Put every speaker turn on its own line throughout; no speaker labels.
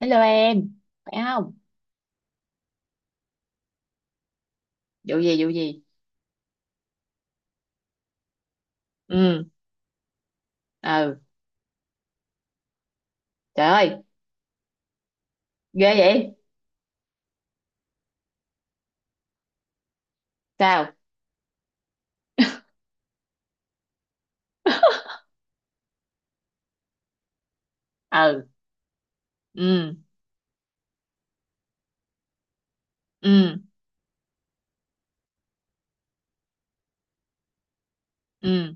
Hello em, phải không? Vụ gì, vụ gì? Ừ, ừ, trời ơi, ghê vậy? Sao? Ừ, ừ, ừ,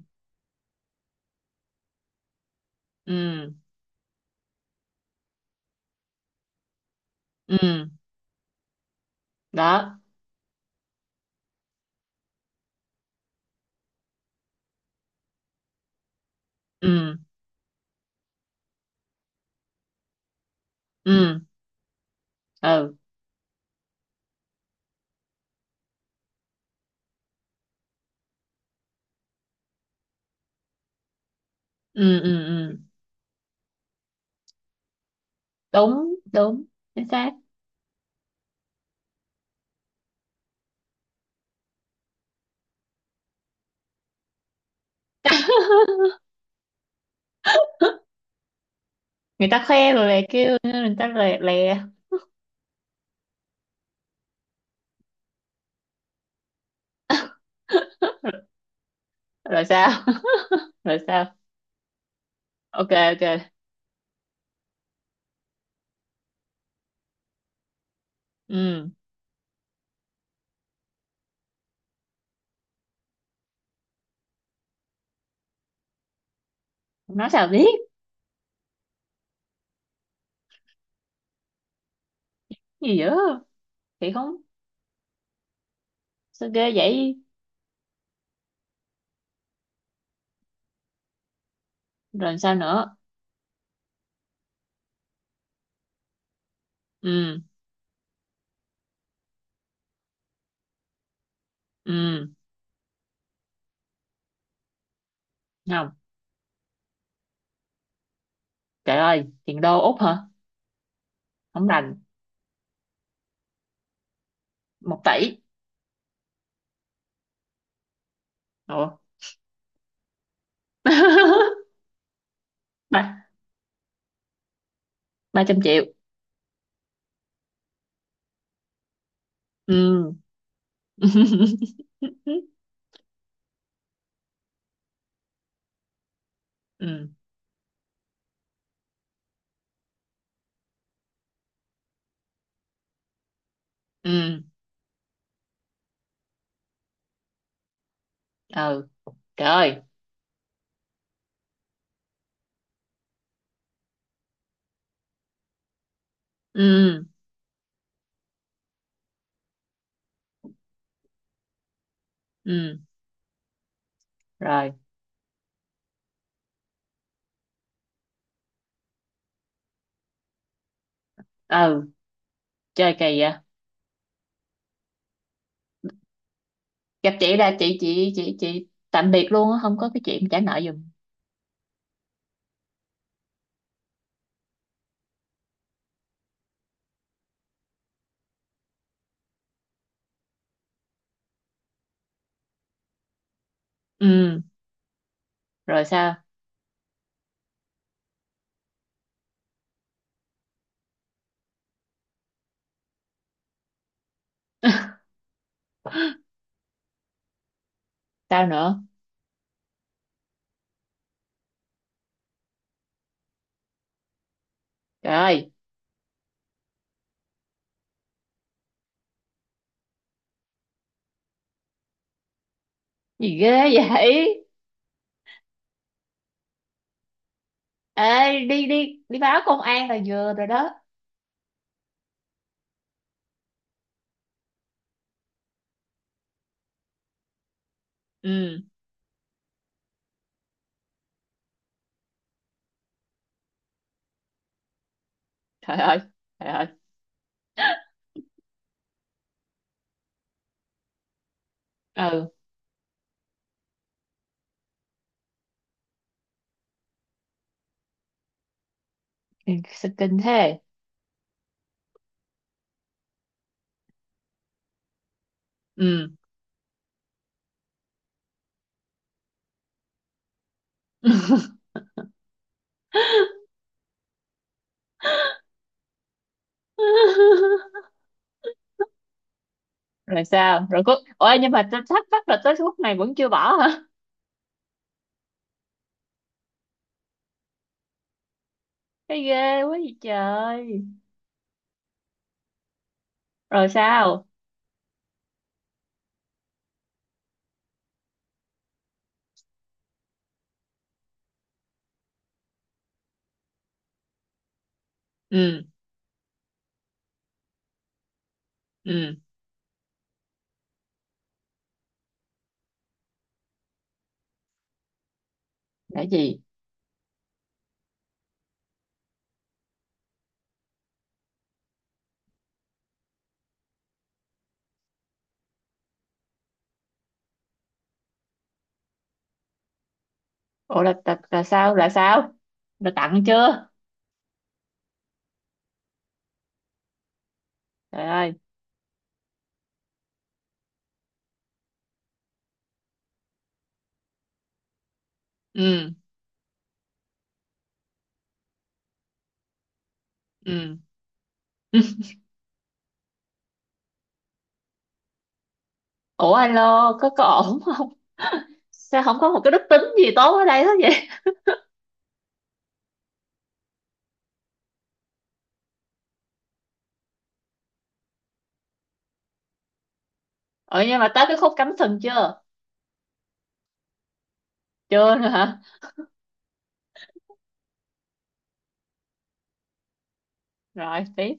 ừ, ừ, ừ, đó, ừ, ừ, ừ, ừ, ừ, ừ, đúng, đúng, chính xác. Người ta khoe rồi lại kêu, người ta lè, lè, rồi sao? Rồi sao? Ok, ok, ừ, nói sao biết, gì dữ, thì không, sao ghê vậy? Rồi sao nữa? Ừ, ừ, không. Trời ơi, tiền đô Úc hả? Không rành, 1 tỷ. Ủa? Ba, ba trăm triệu. Ừ. Ừ. Ừ. Ừ. Trời ơi. Ừ. Ừ. Rồi. Ừ. Chơi kỳ vậy. Gặp chị là chị tạm biệt luôn á. Không có cái chuyện trả nợ giùm. Ừ. Rồi sao? Sao nữa? Trời ơi. Gì ghê vậy? Ê, đi, đi, đi báo công an là vừa rồi đó. Ừ. Trời ơi. Trời ơi. Ừ, kinh thế. Ừ. Rồi sao rồi? Có, ôi nhưng mà tôi thắc mắc là tới lúc này vẫn chưa bỏ hả? Cái ghê quá vậy trời. Rồi sao? Ừ, ừ, là gì? Ủa, là sao là sao? Là tặng chưa? Trời ơi. Ừ, ừ. Ủa alo, có ổn không? Sao không có một cái đức tính gì tốt ở đây hết vậy? Ừ, nhưng mà tới cái khúc cắm sừng chưa? Chưa nữa hả? Rồi tiếp.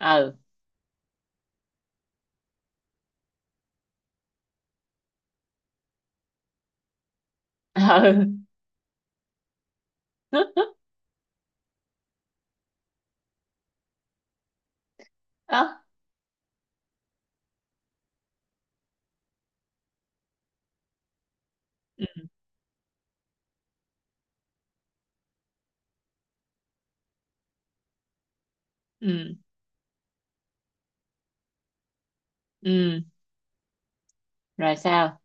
Ừ, ừ. Đó. Ừ, ừ, ừ. Rồi sao?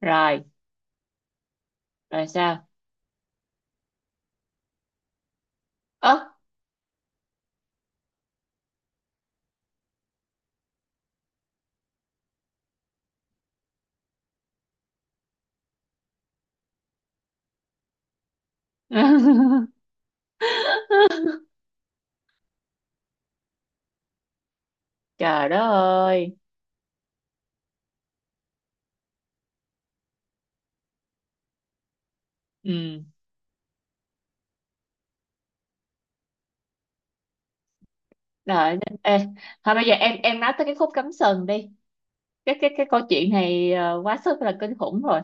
Rồi, rồi sao? Ớ. Trời đất ơi. Ừ. Rồi. Ê, thôi bây giờ em nói tới cái khúc cắm sừng đi. Cái câu chuyện này quá sức là kinh khủng rồi.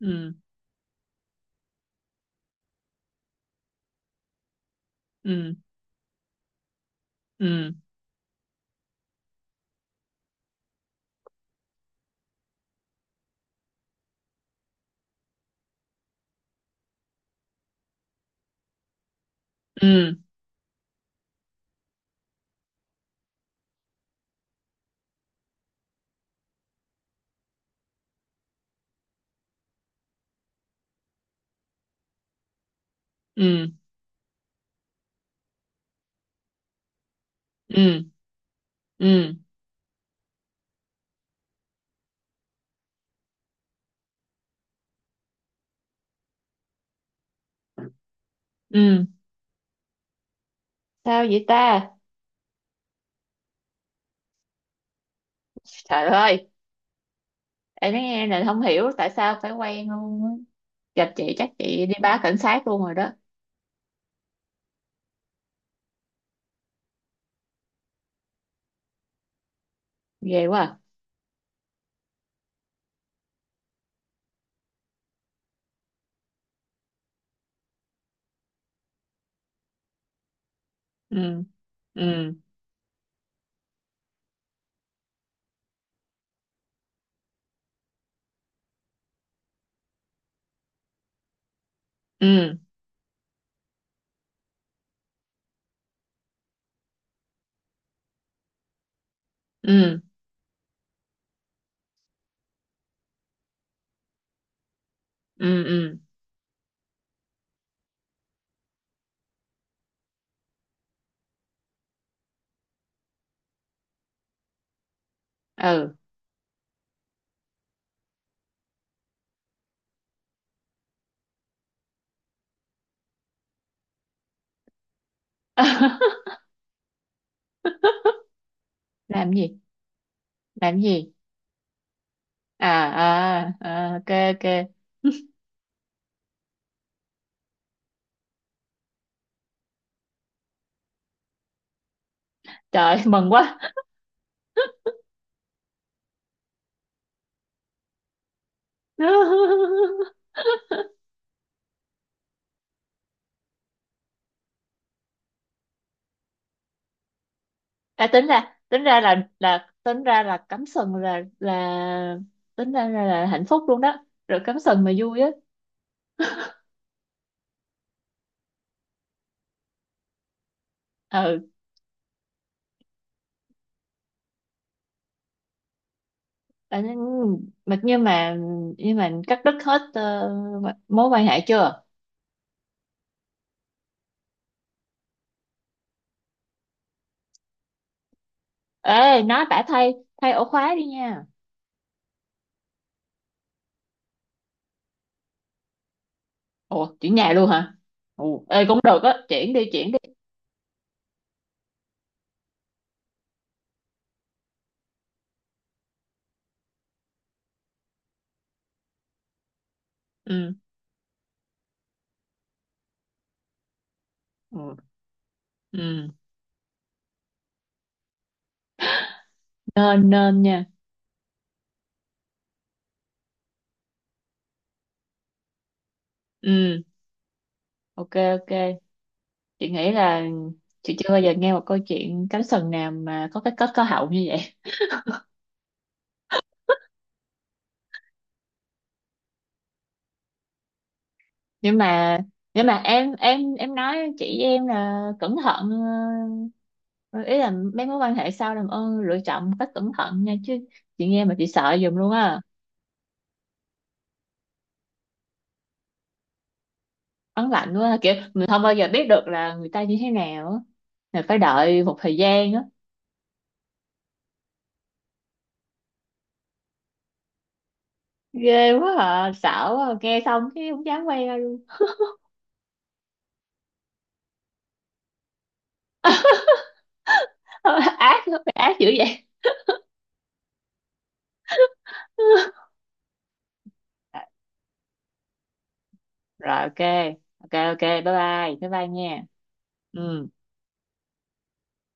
Ừ, ừ, ừ, ừ, ừ, ừ, ừ, ừ. Sao vậy ta? Trời ơi. Em nói nghe là không hiểu tại sao phải quen luôn á. Gặp chị chắc chị đi báo cảnh sát luôn rồi đó. Ghê quá à. Ừ, ừ, ừ, ừ, ừ, ừ, ừ. Làm gì, làm gì? À, à, à ok, ok. Trời mừng quá. À, tính ra là tính ra là cắm sừng, là tính ra là hạnh phúc luôn đó. Rồi cắm sừng mà vui á. Ừ, à, nhưng mà cắt đứt hết mối quan hệ chưa? Ê, nó đã thay thay ổ khóa đi nha. Ủa chuyển nhà luôn hả? Ồ, ê cũng được á, chuyển đi chuyển đi. Ừ, ừ, ừ, nên nên nha. Ừ, ok, ok, chị nghĩ là chị chưa bao giờ nghe một câu chuyện cánh sừng nào mà có cái kết có hậu như vậy. Nhưng mà nhưng mà em nói chị em là cẩn thận. Ờ, Ý là mấy mối quan hệ sau làm ơn lựa chọn một cách cẩn thận nha chứ. Chị nghe mà chị sợ giùm luôn á. Ấn lạnh quá, kiểu mình không bao giờ biết được là người ta như thế nào á. Là phải đợi một thời gian á. Ghê quá à, sợ quá à. Nghe xong cái không dám quay ra luôn. Ác lắm, ác dữ vậy. Rồi ok, ok ok, bye bye, bye bye nha. Ừ.